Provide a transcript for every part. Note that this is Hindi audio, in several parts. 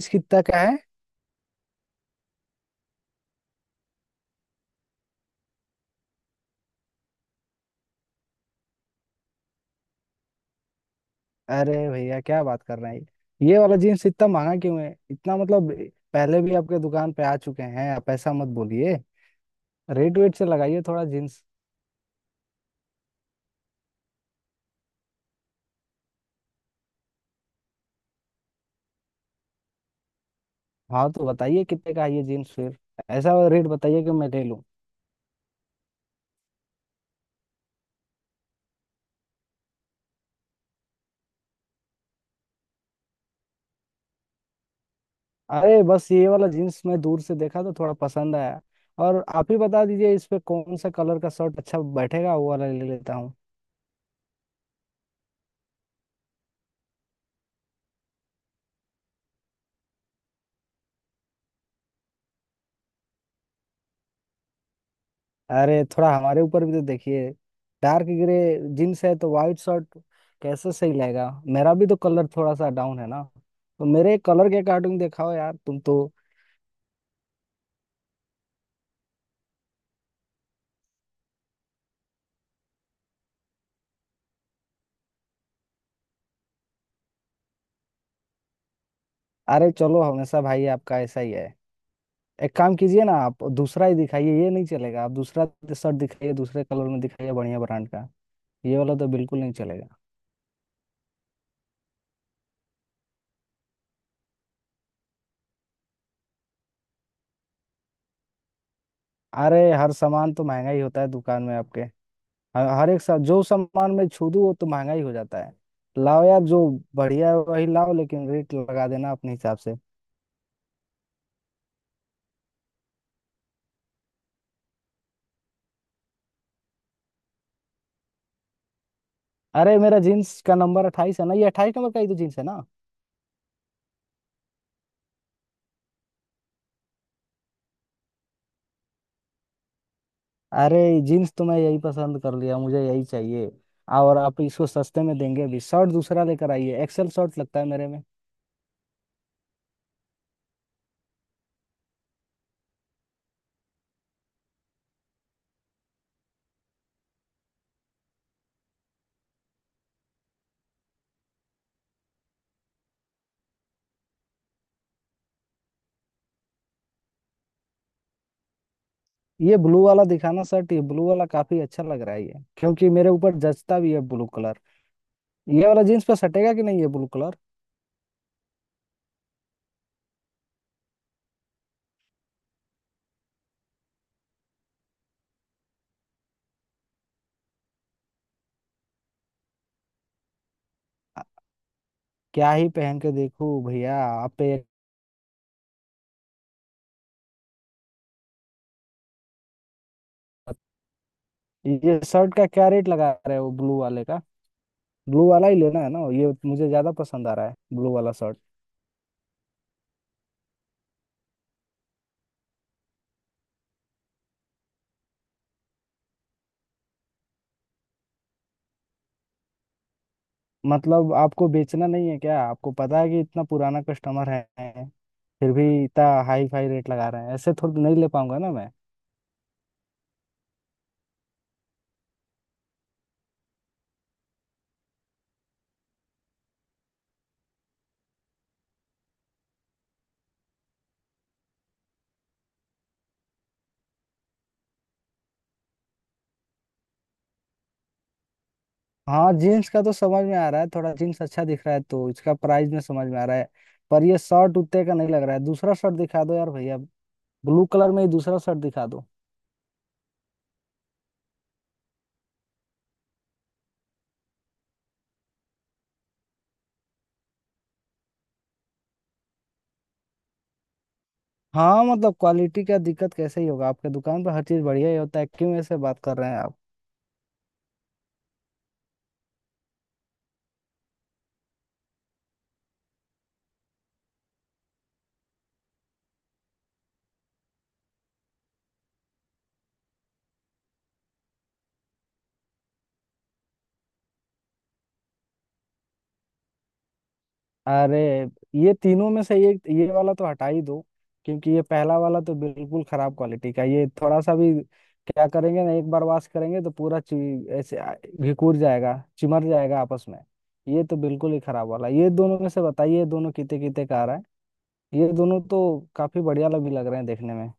जींस कितना का है? अरे भैया क्या बात कर रहे हैं। ये वाला जीन्स इतना महंगा क्यों है, इतना मतलब। पहले भी आपके दुकान पे आ चुके हैं, आप ऐसा मत बोलिए। रेट वेट से लगाइए थोड़ा जीन्स। हाँ, तो बताइए कितने का है ये जीन्स फिर। ऐसा वाला रेट बताइए कि मैं ले लूँ। अरे बस ये वाला जीन्स मैं दूर से देखा तो थोड़ा पसंद आया। और आप ही बता दीजिए इस पे कौन सा कलर का शर्ट अच्छा बैठेगा, वो वाला ले लेता हूँ। अरे थोड़ा हमारे ऊपर भी तो देखिए। डार्क ग्रे जीन्स है तो वाइट शर्ट कैसे सही लगेगा? मेरा भी तो कलर थोड़ा सा डाउन है ना, तो मेरे कलर के अकॉर्डिंग दिखाओ यार तुम तो। अरे चलो, हमेशा भाई आपका ऐसा ही है। एक काम कीजिए ना, आप दूसरा ही दिखाइए, ये नहीं चलेगा। आप दूसरा शर्ट दिखाइए, दूसरे कलर में दिखाइए, बढ़िया ब्रांड का। ये वाला तो बिल्कुल नहीं चलेगा। अरे हर सामान तो महंगा ही होता है दुकान में आपके। हर हर एक सब जो सामान में छू दूं वो तो महंगा ही हो जाता है। लाओ यार जो बढ़िया है वही लाओ, लेकिन रेट लगा देना अपने हिसाब से। अरे मेरा जीन्स का नंबर 28 है ना, ये 28 नंबर का ही तो जीन्स है ना। अरे जीन्स तो मैं यही पसंद कर लिया, मुझे यही चाहिए। और आप इसको सस्ते में देंगे। अभी शर्ट दूसरा लेकर आइए, एक्सेल शर्ट लगता है मेरे में। ये ब्लू वाला दिखाना शर्ट, ये ब्लू वाला काफी अच्छा लग रहा है ये, क्योंकि मेरे ऊपर जचता भी है ब्लू कलर। ये वाला जीन्स पे सटेगा कि नहीं ये ब्लू कलर? क्या ही पहन के देखूं भैया आप पे। ये शर्ट का क्या रेट लगा रहे हो ब्लू वाले का? ब्लू वाला ही लेना है ना, ये मुझे ज्यादा पसंद आ रहा है ब्लू वाला शर्ट। मतलब आपको बेचना नहीं है क्या? आपको पता है कि इतना पुराना कस्टमर है, फिर भी इतना हाई फाई रेट लगा रहे हैं। ऐसे थोड़ी नहीं ले पाऊंगा ना मैं। हाँ, जीन्स का तो समझ में आ रहा है, थोड़ा जीन्स अच्छा दिख रहा है तो इसका प्राइस में समझ में आ रहा है। पर ये शर्ट उतने का नहीं लग रहा है। दूसरा शर्ट दिखा दो यार भैया, ब्लू कलर में ही दूसरा शर्ट दिखा दो। हाँ, मतलब क्वालिटी का दिक्कत कैसे ही होगा आपके दुकान पर? हर चीज बढ़िया ही होता है, क्यों ऐसे बात कर रहे हैं आप। अरे ये तीनों में से एक ये वाला तो हटा ही दो, क्योंकि ये पहला वाला तो बिल्कुल खराब क्वालिटी का। ये थोड़ा सा भी क्या करेंगे ना, एक बार वॉश करेंगे तो पूरा घिकुर जाएगा, चिमर जाएगा आपस में। ये तो बिल्कुल ही खराब वाला। ये दोनों में से बताइए ये दोनों कितने कितने का आ रहा है। ये दोनों तो काफी बढ़िया लग भी लग रहे हैं देखने में।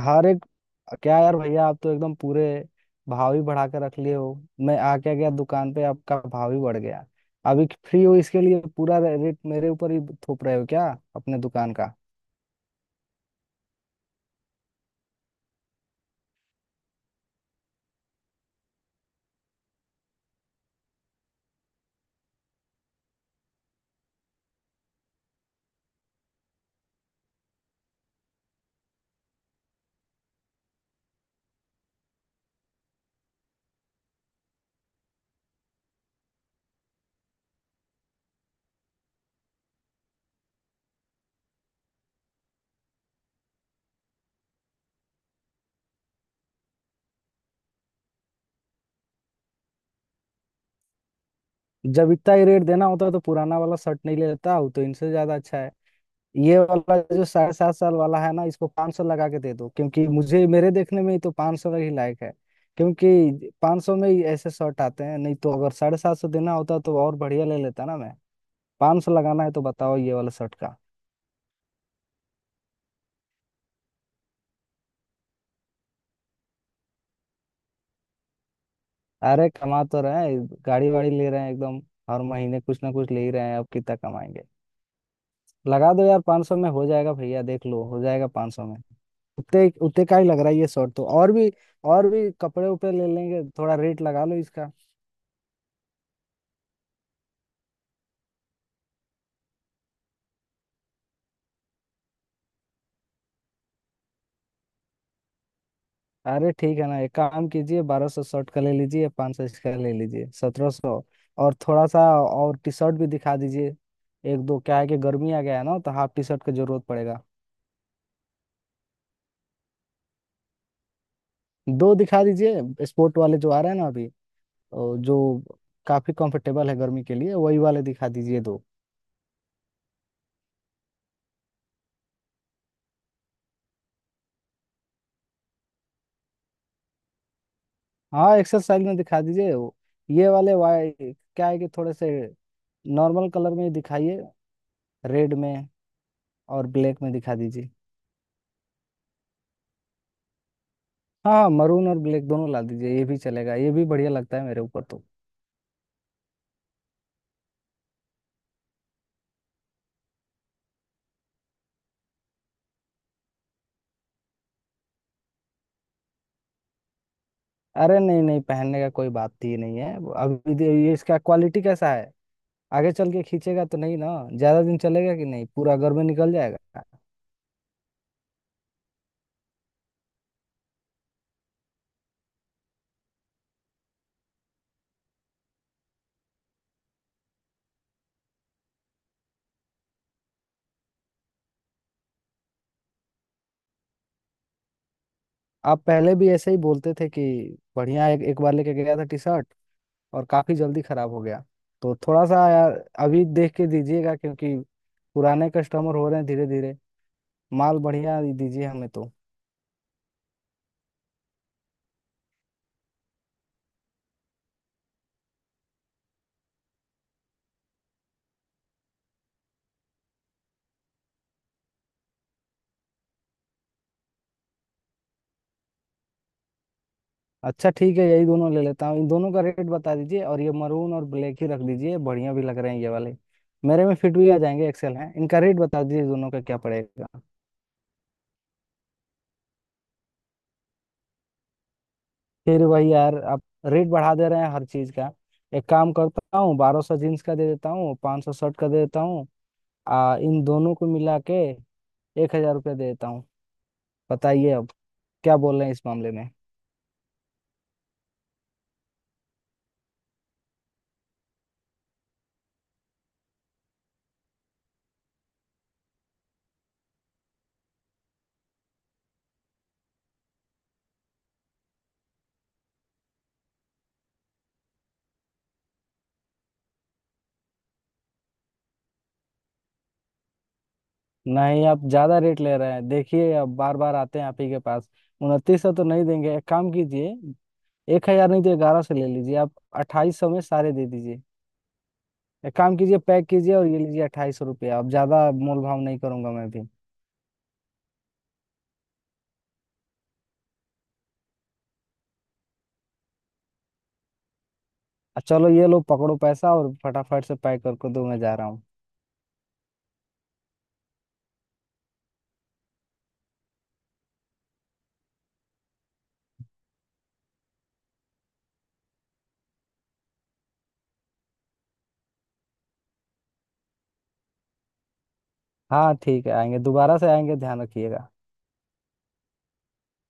हर एक, क्या यार भैया, आप तो एकदम पूरे भाव ही बढ़ा कर रख लिए हो। मैं आ क्या गया दुकान पे, आपका भाव ही बढ़ गया। अभी फ्री हो इसके लिए, पूरा रेट मेरे ऊपर ही थोप रहे हो क्या अपने दुकान का। जब इतना ही रेट देना होता तो पुराना वाला शर्ट नहीं ले लेता हूँ, तो इनसे ज्यादा अच्छा है। ये वाला जो साढ़े सात साल वाला है ना, इसको 500 लगा के दे दो, क्योंकि मुझे मेरे देखने में ही तो 500 ही लायक है। क्योंकि 500 में ही ऐसे शर्ट आते हैं। नहीं तो अगर 750 देना होता तो और बढ़िया ले लेता ना मैं। पाँच सौ लगाना है तो बताओ ये वाला शर्ट का। अरे कमा तो रहे हैं, गाड़ी वाड़ी ले रहे हैं एकदम, हर महीने कुछ ना कुछ ले ही रहे हैं, अब कितना कमाएंगे। लगा दो यार, 500 में हो जाएगा भैया, देख लो हो जाएगा 500 में। उतने उतने का ही लग रहा है ये शर्ट तो। और भी कपड़े उपड़े ले लेंगे, थोड़ा रेट लगा लो इसका। अरे ठीक है ना, एक काम कीजिए, 1200 शर्ट का ले लीजिए, 500 इसका ले लीजिए, 1700। और थोड़ा सा और टी शर्ट भी दिखा दीजिए एक दो। क्या है कि गर्मी आ गया है ना, तो हाफ टी शर्ट की जरूरत पड़ेगा। दो दिखा दीजिए, स्पोर्ट वाले जो आ रहे हैं ना अभी। और जो काफी कंफर्टेबल है गर्मी के लिए, वही वाले दिखा दीजिए दो। हाँ, एक्सरसाइज में दिखा दीजिए ये वाले वाई। क्या है कि थोड़े से नॉर्मल कलर में ही दिखाइए, रेड में और ब्लैक में दिखा दीजिए। हाँ हाँ, मरून और ब्लैक दोनों ला दीजिए, ये भी चलेगा, ये भी बढ़िया लगता है मेरे ऊपर तो। अरे नहीं नहीं, पहनने का कोई बात ही नहीं है। ये इसका क्वालिटी कैसा है? आगे चल के खींचेगा तो नहीं ना? ज्यादा दिन चलेगा कि नहीं, पूरा घर में निकल जाएगा? आप पहले भी ऐसे ही बोलते थे कि बढ़िया। एक बार लेके गया था टी शर्ट और काफी जल्दी खराब हो गया। तो थोड़ा सा यार अभी देख के दीजिएगा, क्योंकि पुराने कस्टमर हो रहे हैं धीरे धीरे। माल बढ़िया ही दीजिए हमें तो। अच्छा ठीक है, यही दोनों ले लेता हूँ, इन दोनों का रेट बता दीजिए। और ये मरून और ब्लैक ही रख दीजिए, बढ़िया भी लग रहे हैं ये वाले, मेरे में फिट भी आ जाएंगे, एक्सेल हैं। इनका रेट बता दीजिए, दोनों का क्या पड़ेगा। फिर वही यार आप, रेट बढ़ा दे रहे हैं हर चीज का। एक काम करता हूँ, 1200 जीन्स का दे देता हूँ, 500 शर्ट का दे देता हूँ। इन दोनों को मिला के 1000 रुपया देता हूँ, बताइए अब। क्या बोल रहे हैं इस मामले में? नहीं, आप ज्यादा रेट ले रहे हैं, देखिए अब बार बार आते हैं आप ही के पास। 2900 तो नहीं देंगे। एक काम कीजिए, 1000 नहीं तो 1100 ले लीजिए आप, 2800 में सारे दे दीजिए। एक काम कीजिए, पैक कीजिए और ये लीजिए 2800 रुपया। अब ज्यादा मोल भाव नहीं करूंगा मैं भी। चलो ये लो पकड़ो पैसा और फटाफट से पैक करके दो, मैं जा रहा हूँ। हाँ ठीक है, आएंगे दोबारा से, आएंगे, ध्यान रखिएगा।